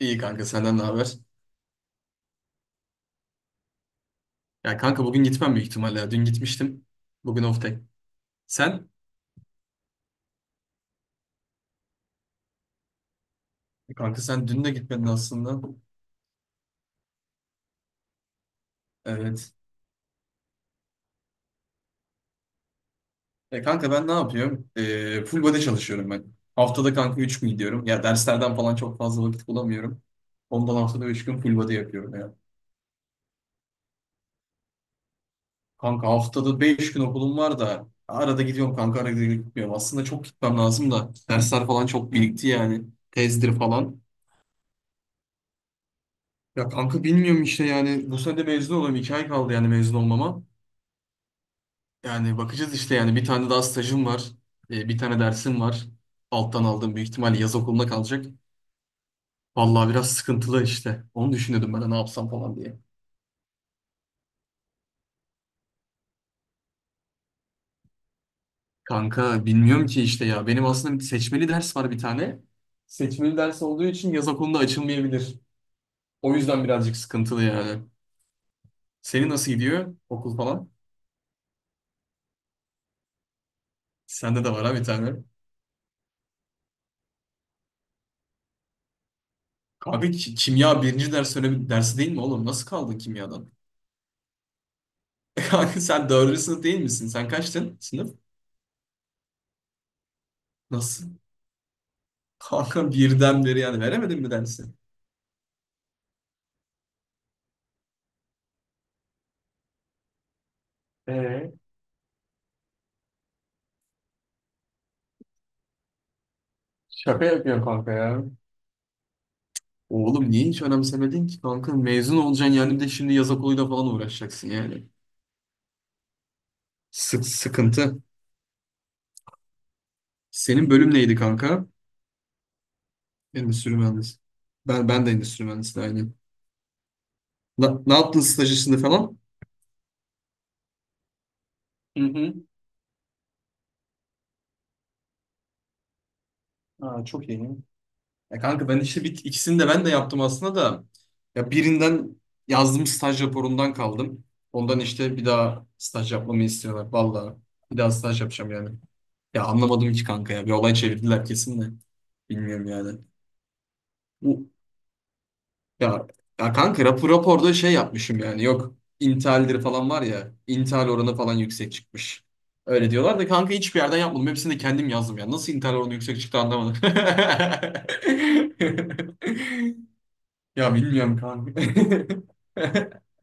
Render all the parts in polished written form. İyi kanka, senden ne haber? Ya kanka bugün gitmem büyük ihtimalle. Ya. Dün gitmiştim. Bugün off day. Sen? E, kanka sen dün de gitmedin aslında. Evet. E kanka, ben ne yapıyorum? Full body çalışıyorum ben. Haftada kanka 3 gün gidiyorum. Ya derslerden falan çok fazla vakit bulamıyorum. Ondan haftada 3 gün full body yapıyorum ya. Kanka haftada 5 gün okulum var da arada gidiyorum kanka arada gitmiyorum. Aslında çok gitmem lazım da dersler falan çok birikti yani. Tezdir falan. Ya kanka bilmiyorum işte yani bu sene de mezun oluyorum. İki ay kaldı yani mezun olmama. Yani bakacağız işte yani bir tane daha stajım var. Bir tane dersim var. Alttan aldığım büyük ihtimalle yaz okuluna kalacak. Vallahi biraz sıkıntılı işte. Onu düşünüyordum ben de ne yapsam falan diye. Kanka bilmiyorum ki işte ya. Benim aslında bir seçmeli ders var bir tane. Seçmeli ders olduğu için yaz okulunda açılmayabilir. O yüzden birazcık sıkıntılı yani. Senin nasıl gidiyor okul falan? Sende de var ha, bir tane. Abi kimya birinci ders, önemli dersi değil mi oğlum? Nasıl kaldın kimyadan? Kanka sen dördüncü sınıf değil misin? Sen kaçtın sınıf? Nasıl? Kanka birden beri yani veremedin mi dersi? Ee, şaka yapıyor kanka ya. Oğlum niye hiç önemsemedin ki kanka? Mezun olacaksın yani bir de şimdi yaz okuluyla falan uğraşacaksın yani. Sık sıkıntı. Senin bölüm neydi kanka? Endüstri mühendisi. Ben de endüstri mühendisi aynı. Ne yaptın staj işinde falan? Hı hı. Aa, çok iyi. Ya kanka ben işte ikisini de ben de yaptım aslında da. Ya birinden yazdığım staj raporundan kaldım. Ondan işte bir daha staj yapmamı istiyorlar. Vallahi bir daha staj yapacağım yani. Ya anlamadım hiç kanka ya. Bir olay çevirdiler kesin de. Bilmiyorum yani. Bu ya, ya kanka, raporda şey yapmışım yani. Yok, intihalleri falan var ya. İntihal oranı falan yüksek çıkmış. Öyle diyorlar da kanka hiçbir yerden yapmadım. Hepsini de kendim yazdım ya. Nasıl intihal oranı yüksek çıktı anlamadım. Ya bilmiyorum kanka.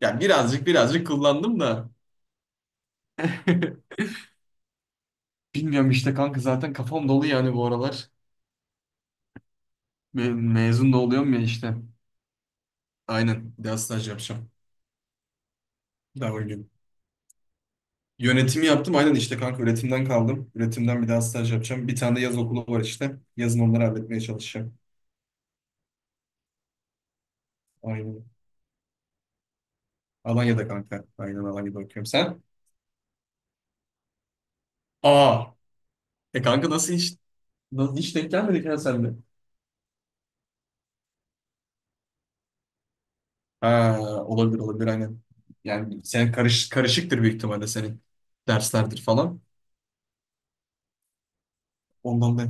Ya birazcık birazcık kullandım da. Bilmiyorum işte kanka zaten kafam dolu yani bu aralar. Mezun da oluyorum ya işte. Aynen. Bir daha staj yapacağım. Daha uygun. Yönetimi yaptım. Aynen işte kanka üretimden kaldım. Üretimden bir daha staj yapacağım. Bir tane de yaz okulu var işte. Yazın onları halletmeye çalışacağım. Aynen. Alanya'da kanka. Aynen Alanya'da okuyorum. Sen? Aa. E kanka nasıl hiç denk gelmedik ya senle. Ha, olabilir olabilir aynen. Yani sen karışıktır büyük ihtimalle senin derslerdir falan. Ondan da.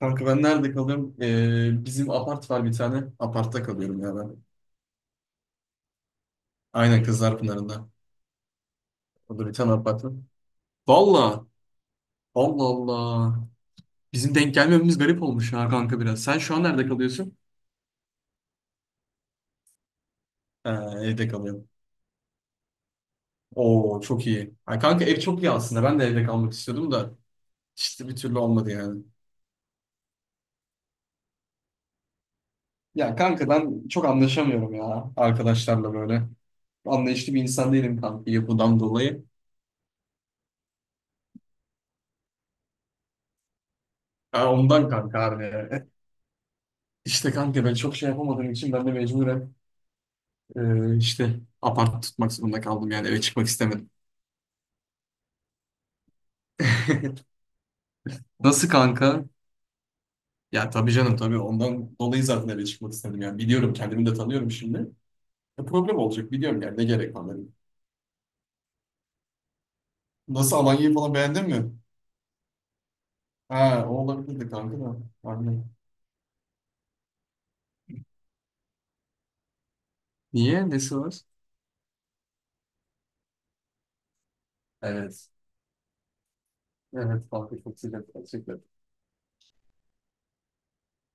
Kanka ben nerede kalıyorum? Bizim apart var bir tane. Apartta kalıyorum ya ben. Aynen Kızlarpınar'ında. Orada bir tane apart var. Valla. Allah Allah. Bizim denk gelmememiz garip olmuş ha kanka biraz. Sen şu an nerede kalıyorsun? Ha, evde kalıyorum. Oo, çok iyi. Ha, kanka ev çok iyi aslında. Ben de evde kalmak istiyordum da. İşte bir türlü olmadı yani. Ya kanka ben çok anlaşamıyorum ya arkadaşlarla böyle. Anlayışlı bir insan değilim kanka, yapıdan dolayı. Ha, ondan kanka abi. İşte kanka ben çok şey yapamadığım için ben de mecburen işte apart tutmak zorunda kaldım yani eve çıkmak istemedim. Nasıl kanka? Ya tabii canım tabii ondan dolayı zaten eve çıkmak istedim yani biliyorum, kendimi de tanıyorum şimdi. Problem olacak biliyorum yani, ne gerek var dedim. Nasıl, Alanya'yı falan beğendin mi? Ha, o olabilirdi kanka da. Aynen. Niye? Nesi var? Evet. Evet kanka çok sıcak gerçekten.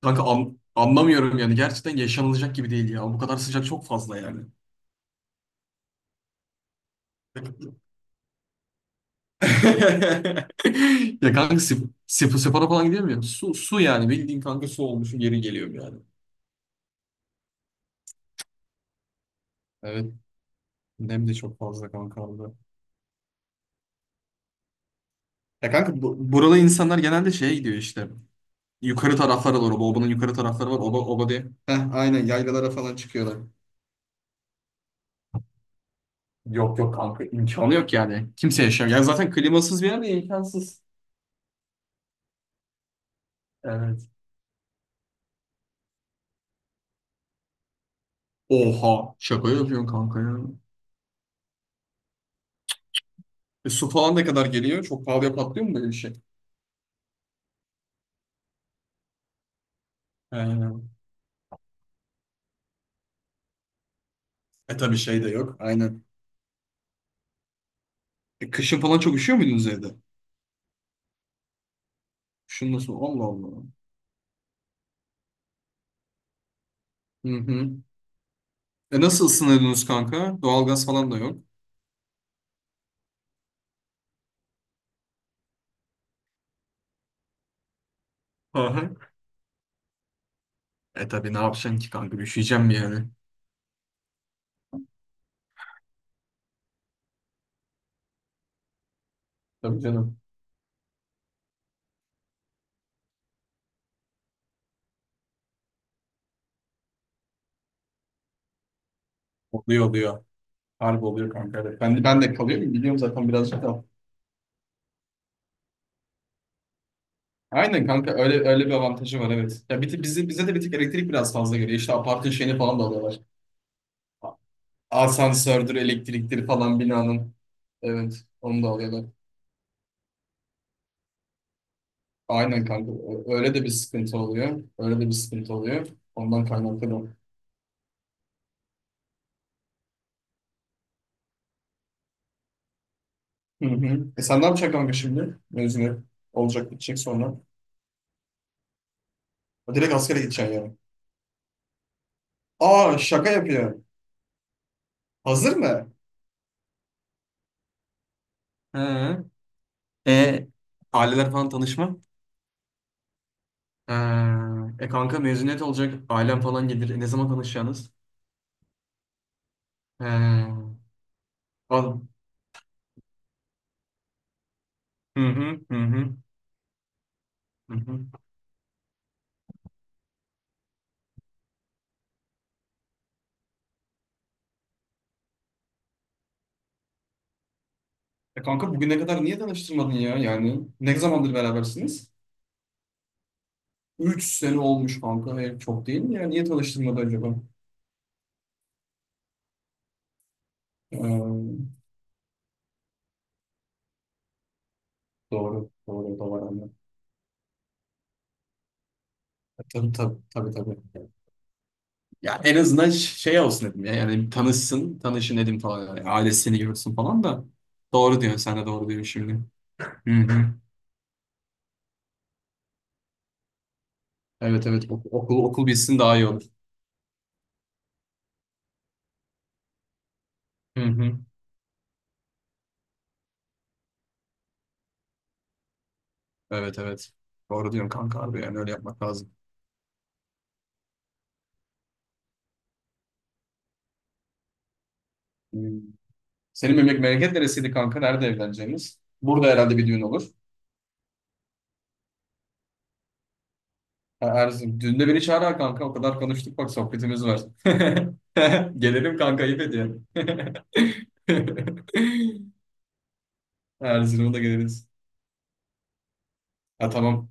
Kanka anlamıyorum yani. Gerçekten yaşanılacak gibi değil ya. Bu kadar sıcak çok fazla yani. Ya kanka spora falan gidiyor muyum? Su, su yani. Bildiğin kanka su olmuşum geri geliyorum yani. Evet. Nem de çok fazla kanka orada. Ya kanka burada insanlar genelde şeye gidiyor işte. Yukarı taraflara doğru. Bu obanın yukarı tarafları var. Oba, oba diye. Heh, aynen yaylalara falan çıkıyorlar. Yok yok kanka, imkanı yok yani. Kimse yaşamıyor. Yani zaten klimasız bir yer de imkansız. Evet. Oha, şaka yapıyorsun kanka ya. Su falan ne kadar geliyor? Çok pahalıya patlıyor mu böyle bir şey? Aynen. Tabii şey de yok. Aynen. Kışın falan çok üşüyor muydunuz evde? Kışın nasıl? Allah Allah. Hı hı. Nasıl ısınıyordunuz kanka? Doğalgaz falan da yok. Hı hı. Tabii ne yapacaksın ki kanka? Üşüyeceğim mi yani? Tabii canım. Oluyor oluyor. Harbi oluyor kanka. Evet. Ben de kalıyorum. Biliyorum zaten birazcık da. Aynen kanka öyle öyle bir avantajı var, evet. Ya bir tık- bizi bize de bir tık elektrik biraz fazla geliyor. İşte apartın şeyini falan da alıyorlar. Asansördür, elektriktir falan binanın. Evet, onu da alıyorlar. Aynen kanka. Öyle de bir sıkıntı oluyor. Öyle de bir sıkıntı oluyor. Ondan kaynaklı da. Hı hı. Sen ne yapacaksın kanka şimdi? Mezun olacak gidecek sonra. Ha, direkt askere gideceksin yani. Aa, şaka yapıyor. Hazır mı? Hı. E aileler falan tanışma. Ha. Kanka mezuniyet olacak. Ailem falan gelir. Ne zaman tanışacaksınız? He. Al. Hı hı hı hı. Hı hı. Kanka bugüne kadar niye tanıştırmadın ya? Yani ne zamandır berabersiniz? 3 sene olmuş kanka. Çok değil mi ya? Niye tanıştırmadı acaba? Ee, doğru. Doğru. Doğru. Anne. Tabii tabii. Tabii tabii. Ya en azından şey olsun dedim ya. Yani tanışsın. Tanışın dedim falan. Yani ailesini görsün falan da. Doğru diyorsun. Sen de doğru diyorsun şimdi. Hı hı. Evet evet. Okul bilsin daha iyi olur. Hı hı. Evet evet. Doğru diyorsun kanka abi. Yani öyle yapmak lazım. Hı. Senin memleket neresiydi kanka? Nerede evleneceğiniz? Burada herhalde bir düğün olur. Ha, Erzurum. Düğünde beni çağır ha kanka. O kadar konuştuk bak, sohbetimiz var. Gelelim kanka, ayıp ediyor. Erzurum'a da geliriz. Ha, tamam.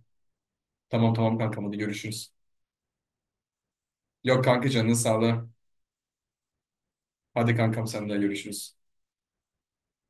Tamam tamam kankam, hadi görüşürüz. Yok kanka, canın sağlığı. Hadi kankam, sen de görüşürüz.